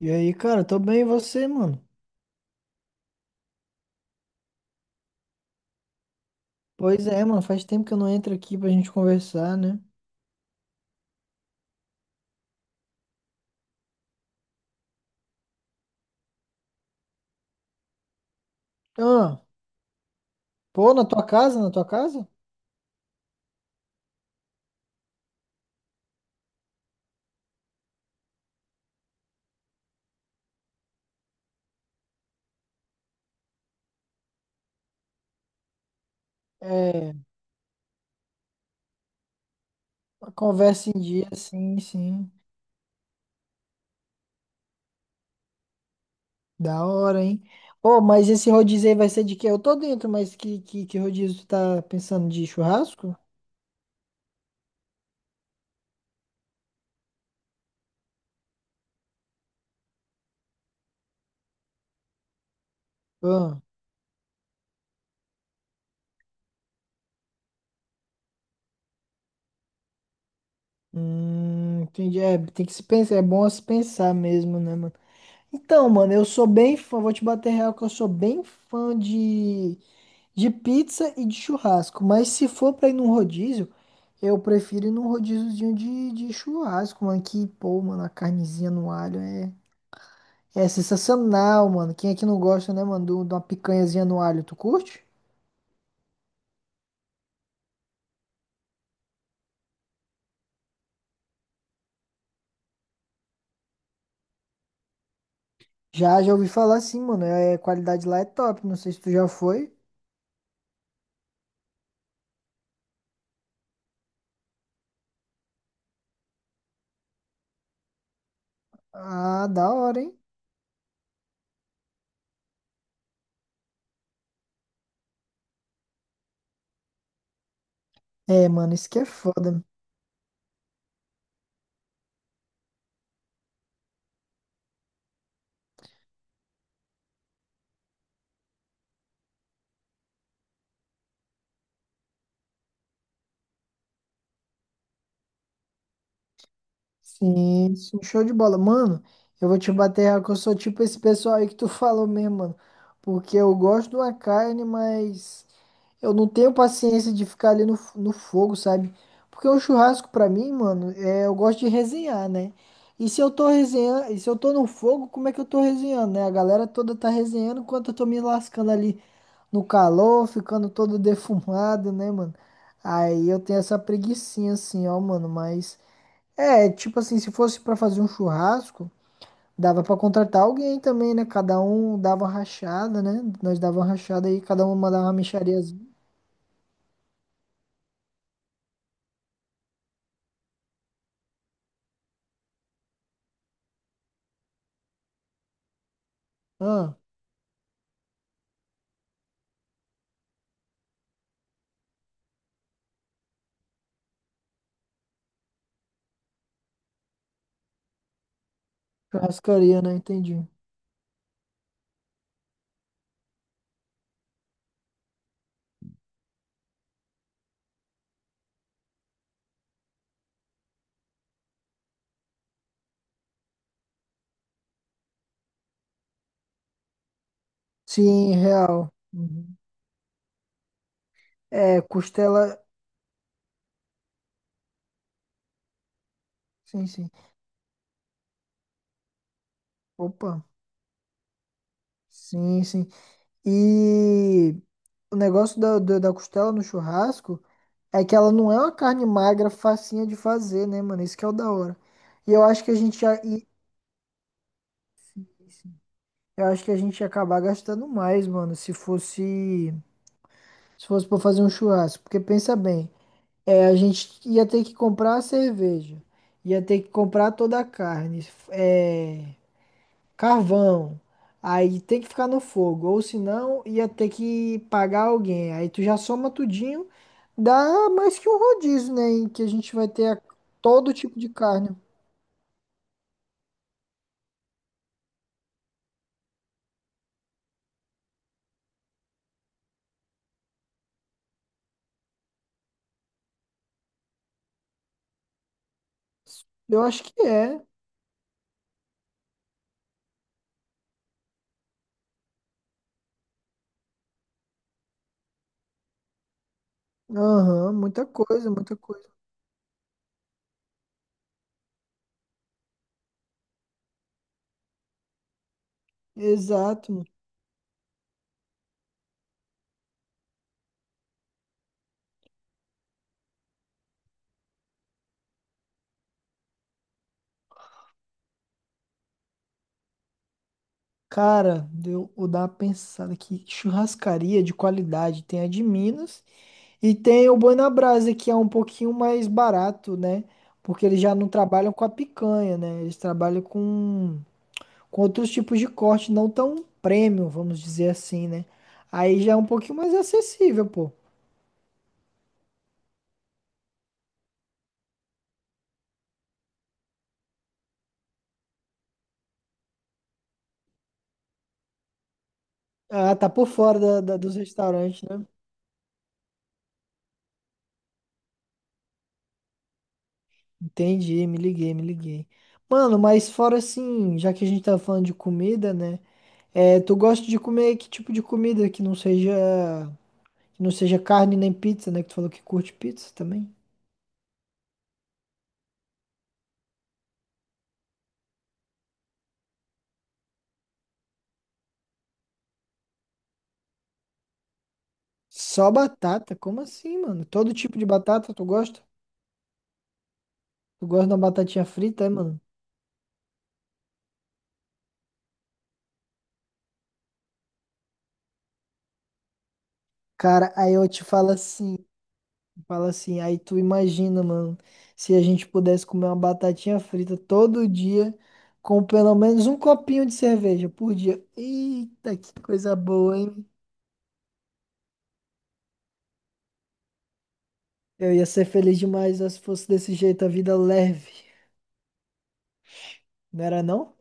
E aí, cara, tô bem, e você, mano? Pois é, mano, faz tempo que eu não entro aqui pra gente conversar, né? Ah, pô, na tua casa? É, uma conversa em dia, sim, sim. Da hora, hein? Ô, mas esse rodízio aí vai ser de quê? Eu tô dentro, mas que rodízio tu tá pensando de churrasco? Ah, Entendi. É, tem que se pensar, é bom se pensar mesmo, né, mano? Então, mano, eu sou bem fã, vou te bater real que eu sou bem fã de. De pizza e de churrasco. Mas se for pra ir num rodízio, eu prefiro ir num rodíziozinho de churrasco, mano. Que, pô, mano, a carnezinha no alho é, é sensacional, mano. Quem é que não gosta, né, mano, de uma picanhazinha no alho? Tu curte? Já, já ouvi falar assim, mano. É, a qualidade lá é top. Não sei se tu já foi. Ah, da hora, hein? É, mano, isso que é foda. Sim, sim, show de bola. Mano, eu vou te bater real que eu sou tipo esse pessoal aí que tu falou mesmo, mano. Porque eu gosto de uma carne, mas eu não tenho paciência de ficar ali no, no fogo, sabe? Porque um churrasco pra mim, mano, é, eu gosto de resenhar, né? E se eu tô resenhando, e se eu tô no fogo, como é que eu tô resenhando, né? A galera toda tá resenhando enquanto eu tô me lascando ali no calor, ficando todo defumado, né, mano? Aí eu tenho essa preguicinha assim, ó, mano, mas. É, tipo assim, se fosse pra fazer um churrasco, dava pra contratar alguém também, né? Cada um dava uma rachada, né? Nós dava uma rachada aí, cada um mandava uma mixariazinha. Ah, churrascaria, né? Entendi. Sim, real. Uhum. É, costela. Sim, sim. Opa. Sim, sim. E o negócio da costela no churrasco é que ela não é uma carne magra, facinha de fazer, né, mano? Isso que é o da hora. E eu acho que a gente já. e- Eu acho que a gente ia acabar gastando mais, mano, se fosse para fazer um churrasco, porque pensa bem, é, a gente ia ter que comprar a cerveja, ia ter que comprar toda a carne, é, carvão, aí tem que ficar no fogo, ou senão ia ter que pagar alguém. Aí tu já soma tudinho, dá mais que um rodízio, né, em que a gente vai ter todo tipo de carne. Eu acho que é. Aham, muita coisa, muita coisa. Exato. Cara, deu, vou dar uma pensada aqui. Churrascaria de qualidade. Tem a de Minas e tem o Boi na Brasa, que é um pouquinho mais barato, né? Porque eles já não trabalham com a picanha, né? Eles trabalham com outros tipos de corte, não tão premium, vamos dizer assim, né? Aí já é um pouquinho mais acessível, pô. Ah, tá por fora dos restaurantes, né? Entendi, me liguei, me liguei. Mano, mas fora assim, já que a gente tá falando de comida, né? É, tu gosta de comer que tipo de comida que não seja carne nem pizza, né? Que tu falou que curte pizza também. Só batata? Como assim, mano? Todo tipo de batata tu gosta? Tu gosta de uma batatinha frita, é, mano? Cara, aí eu te falo assim, aí tu imagina, mano, se a gente pudesse comer uma batatinha frita todo dia com pelo menos um copinho de cerveja por dia. Eita, que coisa boa, hein? Eu ia ser feliz demais, ó, se fosse desse jeito a vida leve, não era não?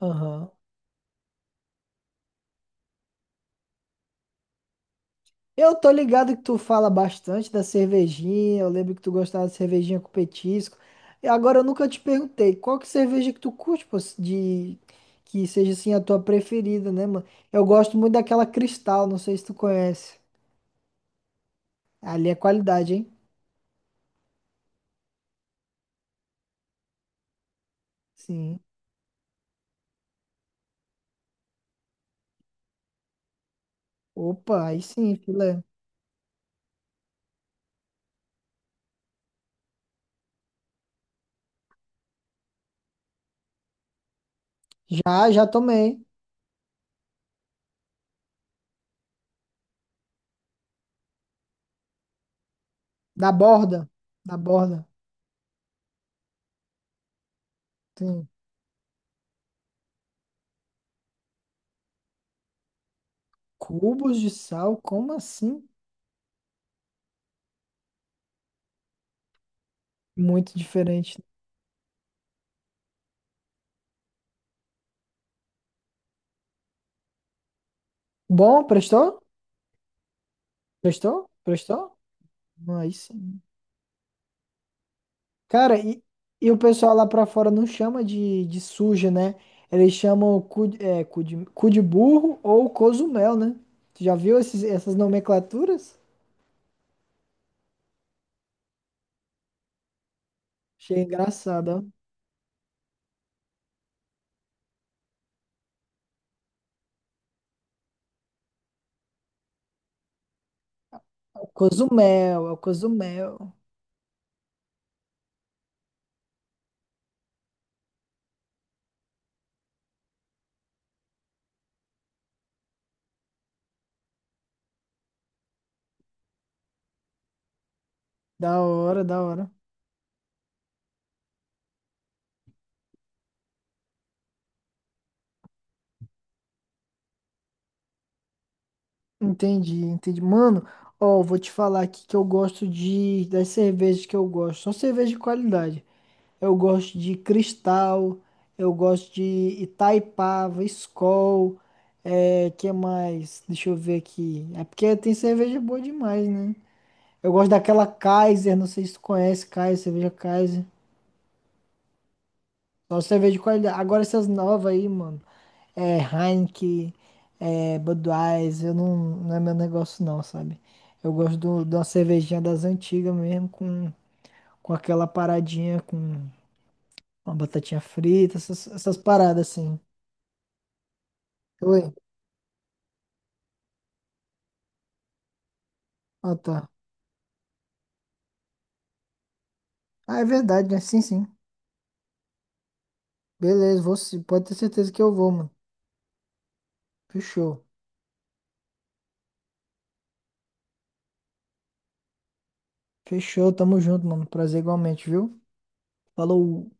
Aham. Eu tô ligado que tu fala bastante da cervejinha. Eu lembro que tu gostava de cervejinha com petisco. E agora eu nunca te perguntei, qual que é a cerveja que tu curte, pô, de que seja assim a tua preferida, né, mano? Eu gosto muito daquela Cristal, não sei se tu conhece. Ali é qualidade, hein? Sim. Opa, aí sim, filé. Já, já tomei. Da borda. Da borda. Tem cubos de sal, como assim? Muito diferente. Bom, prestou? Prestou? Prestou? Aí sim. Cara, e o pessoal lá pra fora não chama de suja, né? Eles chamam cu, é, cu de burro ou cozumel, né? Tu já viu esses, essas nomenclaturas? Achei engraçado, ó. É o Cozumel, é o cozumel. Da hora, da hora. Entendi, entendi. Mano, ó, vou te falar aqui que eu gosto de, das cervejas que eu gosto. Só cerveja de qualidade. Eu gosto de Cristal, eu gosto de Itaipava, Skol, é, que mais? Deixa eu ver aqui. É porque tem cerveja boa demais, né? Eu gosto daquela Kaiser, não sei se tu conhece Kaiser, cerveja Kaiser. Só cerveja de qualidade. Agora essas novas aí, mano. É Heineken, é Budweiser, eu não, não é meu negócio não, sabe? Eu gosto do, de uma cervejinha das antigas mesmo, com aquela paradinha, com uma batatinha frita, essas, essas paradas assim. Oi. Ah, tá. Ah, é verdade, né? Sim, sim. Beleza, vou sim. Pode ter certeza que eu vou, mano. Fechou. Fechou, tamo junto, mano. Prazer igualmente, viu? Falou.